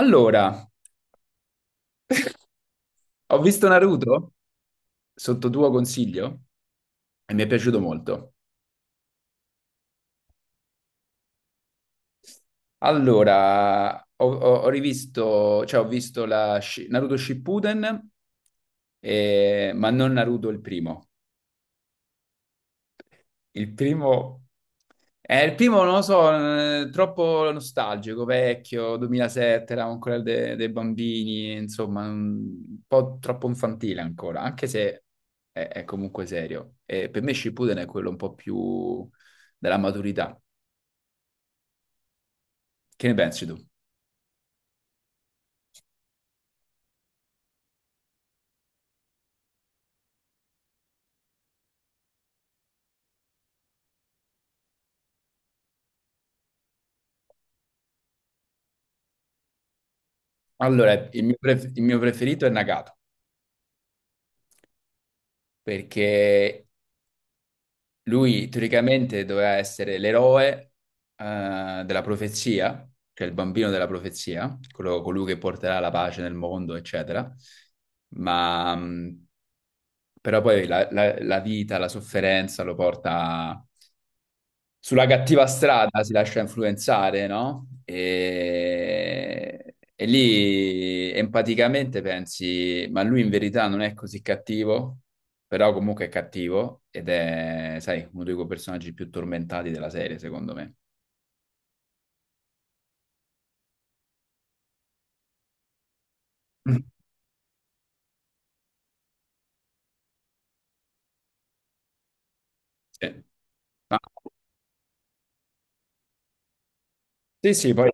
Allora, ho visto Naruto sotto tuo consiglio e mi è piaciuto molto. Allora, ho rivisto, cioè ho visto Naruto Shippuden, ma non Naruto il primo. Il primo, il primo non lo so, troppo nostalgico, vecchio, 2007, eravamo ancora dei bambini, insomma, un po' troppo infantile ancora, anche se è comunque serio. E per me Shippuden è quello un po' più della maturità. Che ne pensi tu? Allora, il mio preferito è Nagato, perché lui teoricamente doveva essere l'eroe della profezia, cioè il bambino della profezia, colui che porterà la pace nel mondo, eccetera. Ma però poi la vita, la sofferenza lo porta sulla cattiva strada, si lascia influenzare, no? E lì empaticamente pensi, ma lui in verità non è così cattivo, però comunque è cattivo ed è, sai, uno dei quei personaggi più tormentati della serie, secondo me. Sì. Ah, sì, sì, poi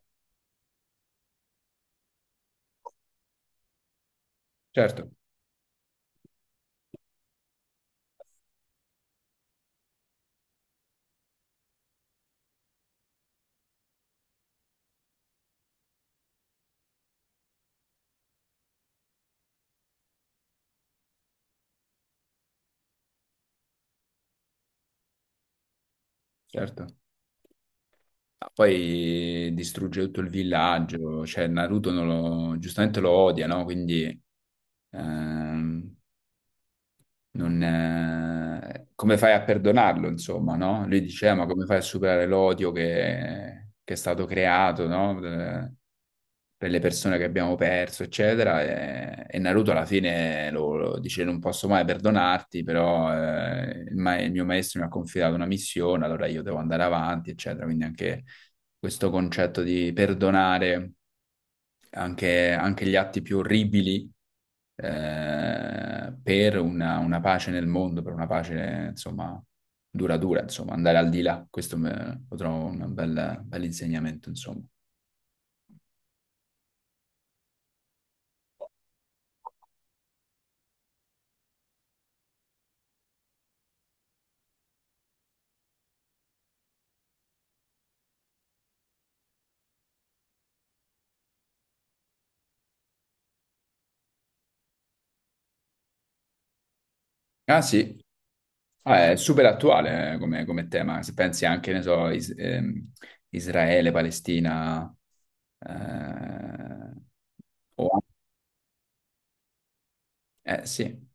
certo, certo. Ah, poi distrugge tutto il villaggio, cioè Naruto non giustamente lo odia, no? Quindi ehm, non, come fai a perdonarlo, insomma, no? Lui diceva, ma come fai a superare l'odio che è stato creato, no? Per le persone che abbiamo perso, eccetera. E Naruto alla fine lo dice, non posso mai perdonarti, però il mio maestro mi ha confidato una missione, allora io devo andare avanti, eccetera. Quindi anche questo concetto di perdonare anche gli atti più orribili per una pace nel mondo, per una pace, insomma, duratura, insomma, andare al di là. Questo lo trovo un bel, bel insegnamento, insomma. Ah, sì. Ah, è super attuale, come tema. Se pensi anche, ne so, Israele, Palestina, eh, o- sì.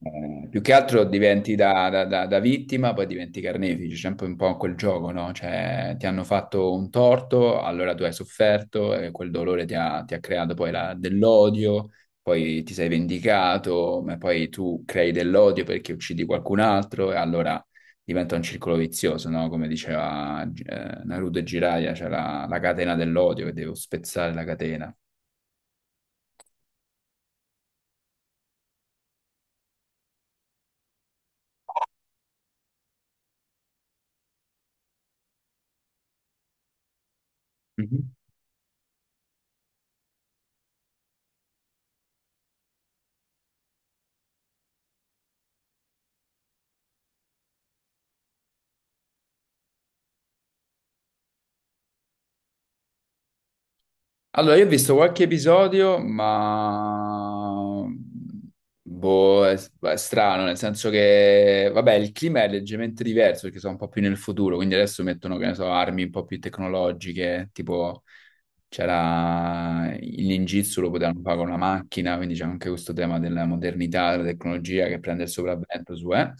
Più che altro diventi da vittima, poi diventi carnefice, c'è sempre un po' quel gioco, no? Cioè, ti hanno fatto un torto, allora tu hai sofferto e quel dolore ti ha creato poi dell'odio, poi ti sei vendicato, ma poi tu crei dell'odio perché uccidi qualcun altro e allora diventa un circolo vizioso, no? Come diceva Naruto e Jiraiya, c'è la catena dell'odio che devo spezzare la catena. Allora, io ho visto qualche episodio, ma boh, è strano, nel senso che, vabbè, il clima è leggermente diverso perché sono un po' più nel futuro, quindi adesso mettono, che ne so, armi un po' più tecnologiche, tipo c'era il ninjutsu, lo potevano fare con una macchina, quindi c'è anche questo tema della modernità, della tecnologia che prende il sopravvento su.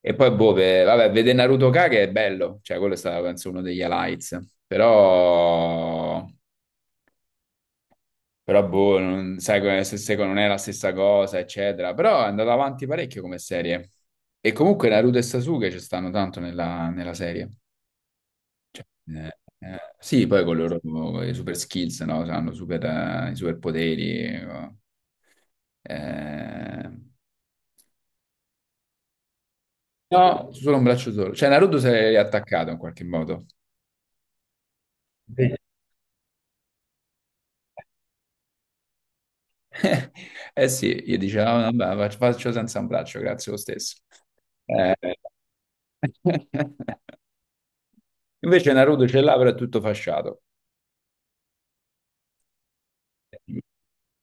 E poi, boh, vabbè, vedere Naruto Kage è bello, cioè quello è stato, penso, uno degli highlights, però. Però boh, non, sai, se non è la stessa cosa, eccetera. Però è andata avanti parecchio come serie. E comunque Naruto e Sasuke ci stanno tanto nella serie. Cioè, sì, poi con loro con i super skills, no? Hanno i super poteri. Eh. No, solo un braccio solo. Cioè Naruto si è riattaccato in qualche modo. Sì. Eh sì, gli dice, "Ah, vabbè, faccio senza un braccio, grazie lo stesso. Eh. Invece Naruto ce l'ha, però è tutto fasciato.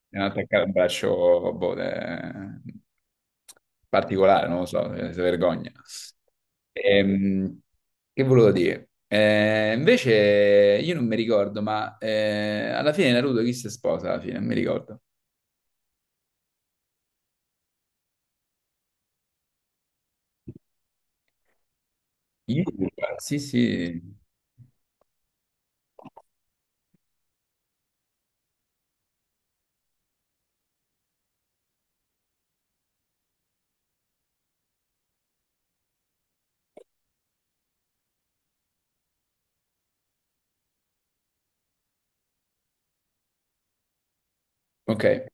Devono attaccare un braccio boh, particolare, non lo so, si vergogna. Ehm, che volevo dire? Invece io non mi ricordo, ma alla fine Naruto chi si sposa alla fine? Non mi ricordo. Yuga, sì, sì. Ok, è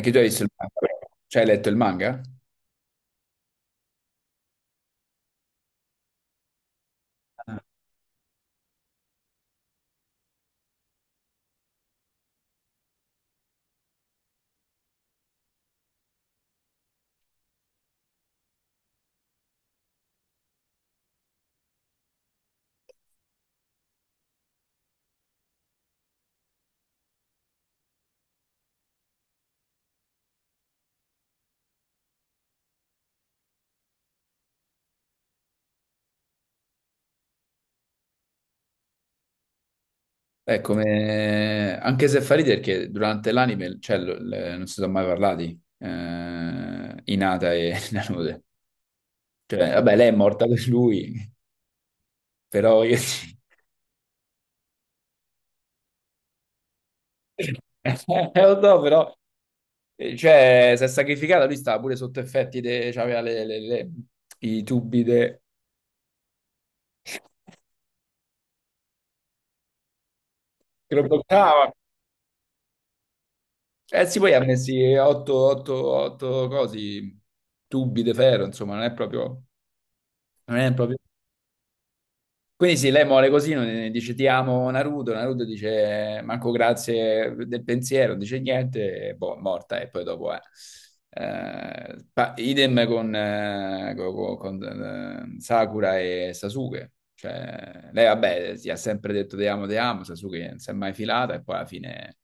che tu hai visto il manga, però. Cioè hai letto il manga? Beh, come, anche se fa ridere perché durante l'anime, cioè, non si sono mai parlati, Hinata e Nanute. Cioè, vabbè, lei è morta per lui, però io. Eh, lo so, però, cioè, si è sacrificata, lui stava pure sotto effetti, cioè, aveva i tubi che lo bloccava. Eh sì, poi ha messi otto cose, tubi di ferro, insomma, non è proprio. Non è proprio. Quindi sì, lei mole così, dice ti amo Naruto, Naruto dice manco grazie del pensiero, dice niente, e boh, morta e poi dopo è. Idem con Sakura e Sasuke. Cioè, lei vabbè, si ha sempre detto ti amo, Sasuke non si è mai filata e poi alla fine.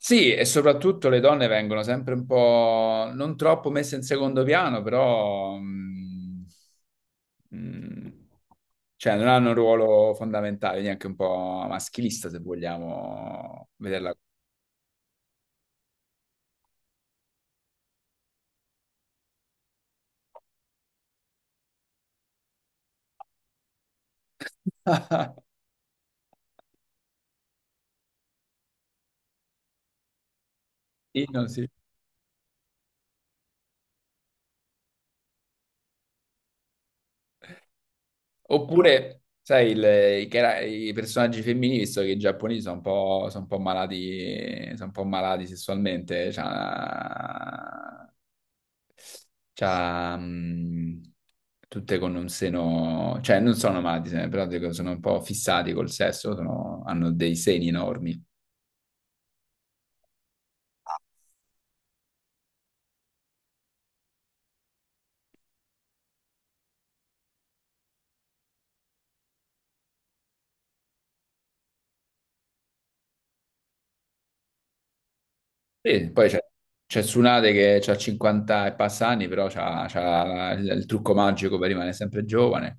Sì, e soprattutto le donne vengono sempre un po' non troppo messe in secondo piano, però mm, cioè non hanno un ruolo fondamentale, neanche un po' maschilista, se vogliamo vederla. Sì, no, sì. Oppure, sai, i personaggi femminili, visto che i giapponesi sono un po', malati, sono un po' malati sessualmente, cioè, c'ha, tutte con un seno, cioè non sono malati, se ne- però dico, sono un po' fissati col sesso, hanno dei seni enormi. Sì, poi c'è Tsunade che ha 50 e passa anni, però c'ha il trucco magico per rimanere sempre giovane.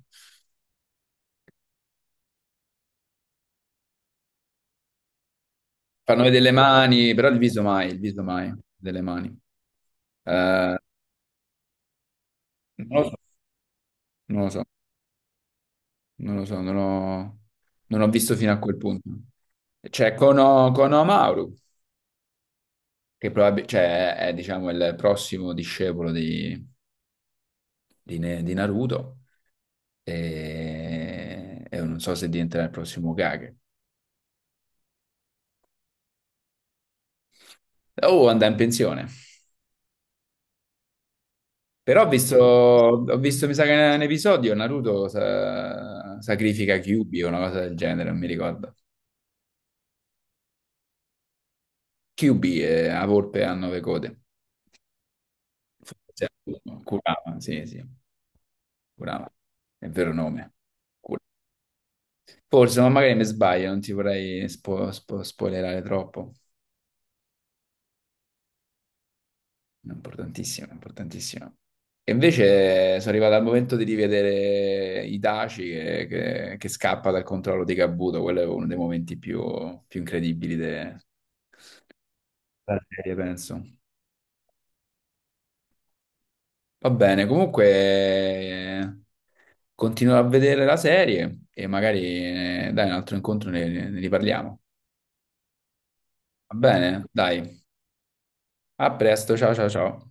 Fanno vedere le mani, però il viso mai delle mani. Eh, non lo so, non lo so, non lo so, non ho visto fino a quel punto. C'è Kono Amaru. Che cioè, diciamo il prossimo discepolo di Naruto e non so se diventerà il prossimo Kage. Oh, andrà in pensione. Però ho visto, mi sa che in un episodio Naruto sacrifica Kyuubi o una cosa del genere, non mi ricordo. Kyuubi è la volpe a nove code. Forse Kurama, sì, sì, Kurama, è il vero nome. Kur- Forse, ma magari mi sbaglio, non ti vorrei spoilerare troppo. Importantissimo, importantissimo. E invece sono arrivato al momento di rivedere Itachi che scappa dal controllo di Kabuto, quello è uno dei momenti più incredibili della serie, penso. Va bene, comunque continuo a vedere la serie e magari dai un altro incontro ne riparliamo. Va bene, dai, a presto, ciao ciao ciao.